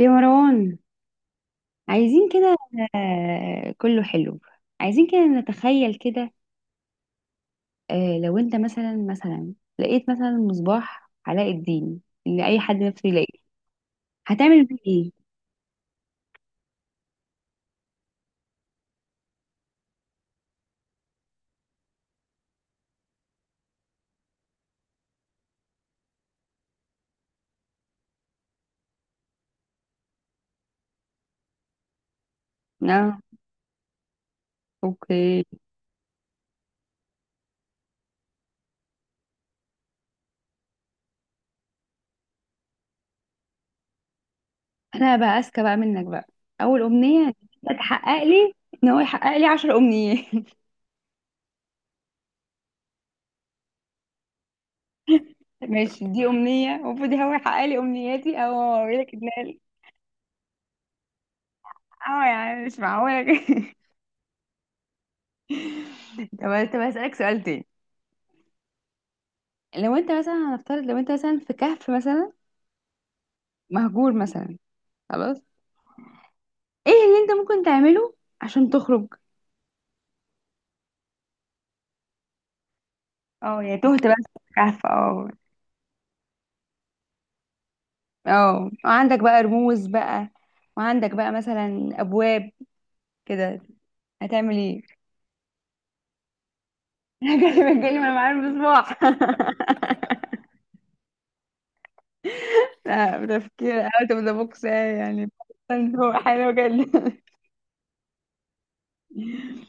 يا مروان، عايزين كده. آه، كله حلو. عايزين كده نتخيل كده. لو انت مثلا لقيت مثلا مصباح علاء الدين اللي اي حد نفسه يلاقيه. هتعمل بيه ايه؟ اه اوكي. انا بقى اذكى بقى منك بقى. اول امنية تحقق لي ان هو يحقق لي عشر امنيات. ماشي، دي امنية المفروض هو يحقق لي امنياتي او اوريلك ان. اه يا عم مش معقولة كده. طب هسألك سؤال تاني. لو انت مثلا هنفترض لو انت مثلا في كهف مثلا مهجور مثلا، خلاص. ايه اللي انت ممكن تعمله عشان تخرج؟ اه، يا تهت بقى في الكهف اه. اه وعندك بقى رموز بقى، وعندك بقى مثلا ابواب كده. هتعمل ايه؟ جالي وانا معايا المصباح. لا، بتفكير اوت اوف ذا بوكس يعني. هو حلو جدا.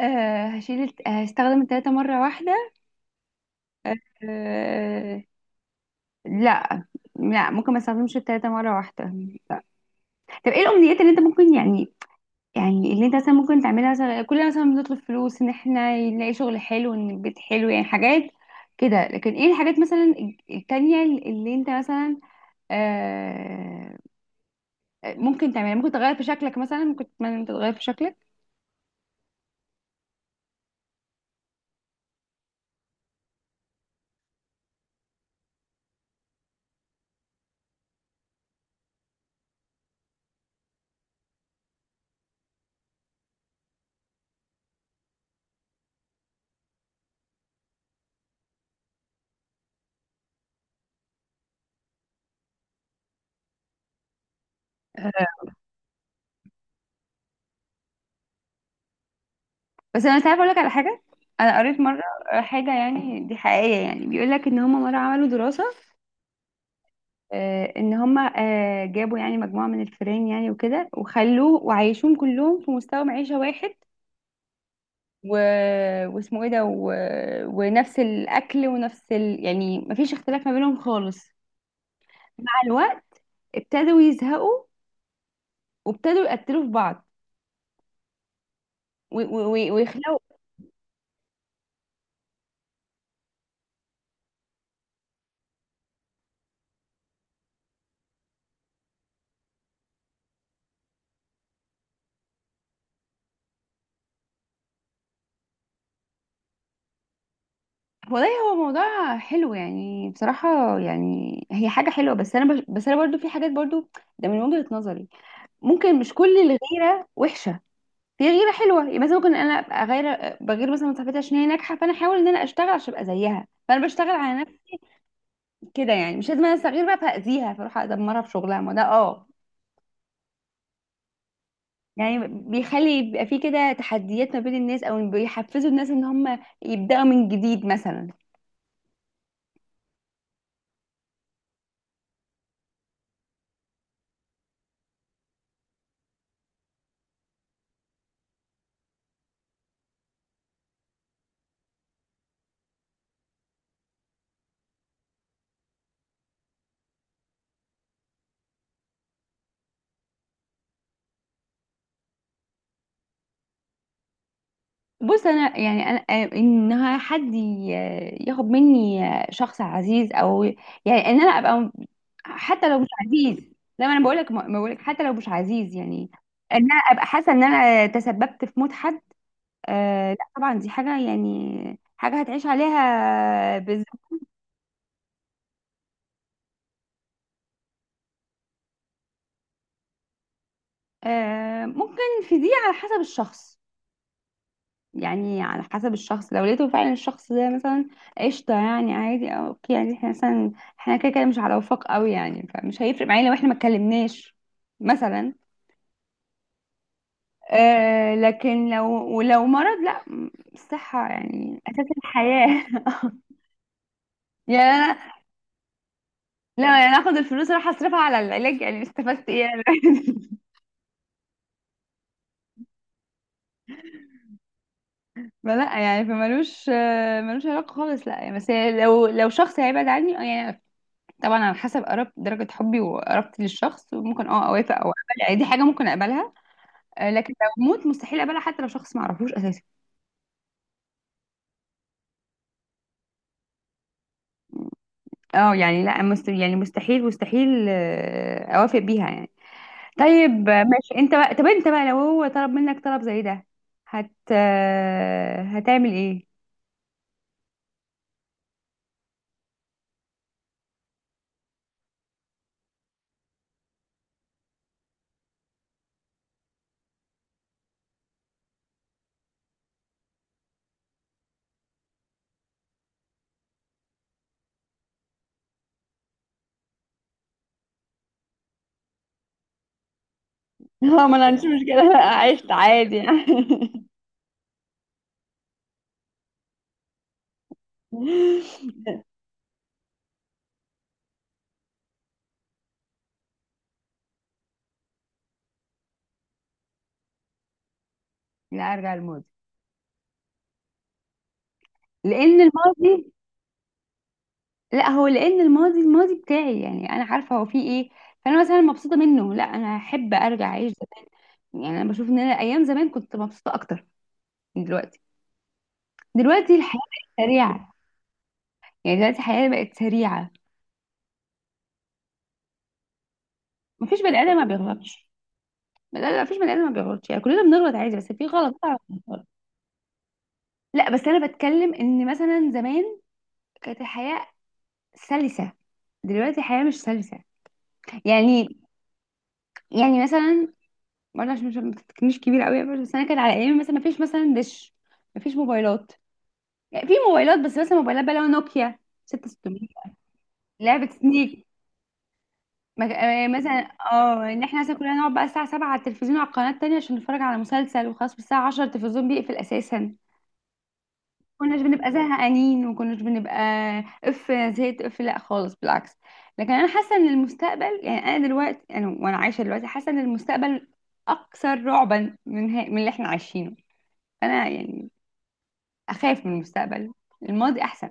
آه، هستخدم التلاتة مرة واحدة. آه، لا. لا، ممكن ما استخدمش التلاتة مرة واحدة. طب ايه الامنيات اللي انت ممكن يعني، يعني اللي انت مثلا ممكن تعملها؟ مثلا كلنا مثلا بنطلب فلوس، ان احنا نلاقي شغل حلو، ان البيت حلو، يعني حاجات كده. لكن ايه الحاجات مثلا التانية اللي انت مثلا آه ممكن تعملها؟ ممكن تغير في شكلك مثلا، ممكن تتمنى إن انت تغير في شكلك. آه، بس انا تعرف اقول لك على حاجة؟ انا قريت مرة حاجة، يعني دي حقيقية، يعني بيقول لك ان هما مرة عملوا دراسة. ان هم جابوا يعني مجموعه من الفيران يعني، وكده وخلوه وعيشوهم كلهم في مستوى معيشه واحد، و... واسمه ايه ده و... ونفس الاكل ونفس يعني مفيش اختلاف ما بينهم خالص. مع الوقت ابتدوا يزهقوا، وابتدوا يقتلوا في بعض، ويخلقوا. والله هو موضوع حلو يعني، بصراحة يعني هي حاجة حلوة، بس بس أنا برضو في حاجات برضو، ده من وجهة نظري. ممكن مش كل الغيرة وحشة، في غيره حلوه. يبقى مثلا ممكن انا ابقى غير، بغير مثلا من صاحبتي عشان هي ناجحه، فانا احاول ان انا اشتغل عشان ابقى زيها، فانا بشتغل على نفسي كده. يعني مش لازم انا استغير بقى فاذيها، فاروح ادمرها في شغلها، ما ده اه. يعني بيخلي يبقى في كده تحديات ما بين الناس، او بيحفزوا الناس ان هم يبداوا من جديد مثلا. بص انا يعني انا آه، ياخد مني آه، شخص عزيز او يعني ان انا ابقى حتى لو مش عزيز. لا، ما انا بقول لك، ما بقول لك حتى لو مش عزيز، يعني ان انا ابقى حاسه ان انا تسببت في موت حد. آه لا طبعا، دي حاجه يعني حاجه هتعيش عليها بالظبط. آه ممكن، في دي على حسب الشخص. يعني على حسب الشخص، لو لقيته فعلا الشخص ده مثلا قشطة، يعني عادي أو اوكي، يعني احنا مثلا احنا كده كده مش على وفاق قوي يعني، فمش هيفرق معايا لو احنا ما اتكلمناش مثلا. آه لكن لو، ولو مرض، لا م- الصحة يعني أساس الحياة. يعني أنا، لا يعني أنا آخد الفلوس أروح أصرفها على العلاج، يعني استفدت إيه يعني؟ فلا يعني فمالوش آه، ملوش علاقة خالص. لا يعني بس لو، لو شخص هيبعد عني آه، يعني طبعا على حسب قرب درجة حبي وقربتي للشخص، ممكن اه اوافق او اقبل، يعني دي حاجة ممكن اقبلها. آه، لكن لو موت مستحيل اقبلها، حتى لو شخص ما اعرفوش اساسا. اه يعني لا يعني مستحيل آه، اوافق بيها يعني. طيب آه، ماشي انت بقى. طب انت بقى لو هو طلب منك طلب زي ده، هت آه، هتعمل ايه؟ اه، ما انا عنديش مشكلة. انا عشت عادي يعني. لا، ارجع للماضي. لان الماضي، لا هو لان الماضي، الماضي بتاعي يعني انا عارفه هو فيه ايه، فانا مثلا مبسوطه منه. لا، انا احب ارجع اعيش زمان. يعني انا بشوف ان انا ايام زمان كنت مبسوطه اكتر من دلوقتي. دلوقتي الحياه بقت سريعه، يعني دلوقتي الحياه بقت سريعه. مفيش بني ادم ما بيغلطش. لا لا، مفيش بني ادم ما بيغلطش، يعني كلنا بنغلط عادي، بس في غلط طبعاً بنغلط. لا بس انا بتكلم ان مثلا زمان كانت الحياه سلسه، دلوقتي الحياه مش سلسه. يعني، يعني مثلا برضه، عشان مش كبير قوي يا باشا، بس انا كان على ايامي مثلا ما فيش مثلا دش، ما فيش موبايلات. يعني في موبايلات بس مثلا موبايلات بقى اللي هو نوكيا 6600، لعبة سنيك. مثلا اه ان احنا مثلا كنا نقعد بقى الساعة 7 على التلفزيون على القناة التانية عشان نتفرج على مسلسل، وخلاص الساعة 10 التلفزيون بيقفل اساسا. كناش بنبقى زهقانين، وكناش بنبقى اف أنا زهقت اف، لا خالص بالعكس. لكن انا حاسة ان المستقبل، يعني انا دلوقتي انا وانا عايشة دلوقتي، حاسة ان المستقبل اكثر رعبا من من اللي احنا عايشينه. انا يعني اخاف من المستقبل، الماضي احسن.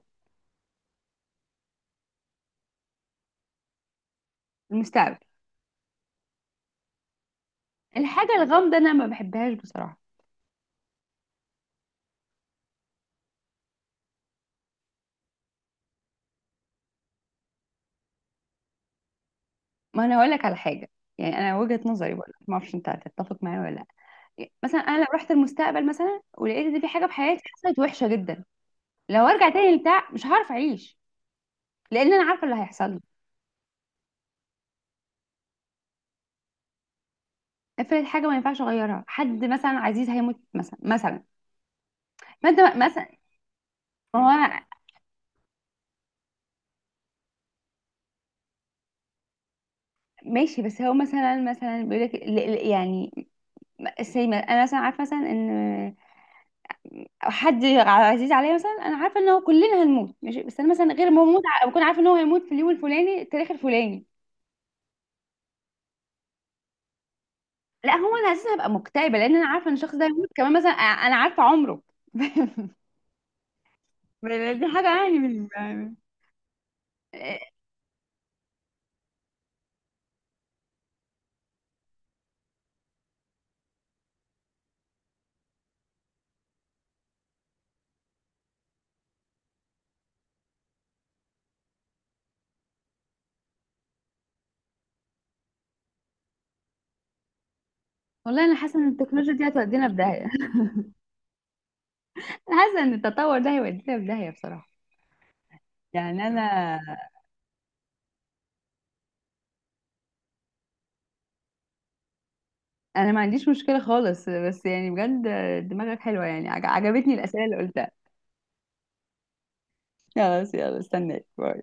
المستقبل الحاجه الغامضه انا ما بحبهاش بصراحه. ما انا هقول لك على حاجه، يعني انا وجهه نظري بقول لك، ما اعرفش انت هتتفق معايا ولا لا. مثلا انا لو رحت المستقبل مثلا ولقيت ان في حاجه في حياتي حصلت وحشه جدا، لو ارجع تاني لبتاع مش هعرف اعيش، لان انا عارفه اللي هيحصل لي. افرض حاجه ما ينفعش اغيرها، حد مثلا عزيز هيموت مثلا مثلا، فانت مثلا. ما هو أنا- ماشي، بس هو مثلا مثلا بيقول لك يعني زي ما انا مثلا عارفه مثلا ان، او حد عزيز عليا مثلا، انا عارفه ان هو كلنا هنموت ماشي، بس انا مثلا غير ما اموت بكون عارفه ان هو هيموت في اليوم الفلاني التاريخ الفلاني. لا هو انا اساسا هبقى مكتئبه، لان انا عارفه ان الشخص ده هيموت كمان مثلا انا عارفه عمره. دي حاجه يعني من آه، والله انا حاسه ان التكنولوجيا دي هتودينا في داهيه. انا حاسه ان التطور ده هيودينا في داهيه بصراحه، يعني انا. انا ما عنديش مشكله خالص، بس يعني بجد دماغك حلوه، يعني عجبتني الاسئله اللي قلتها. خلاص يلا استناك، باي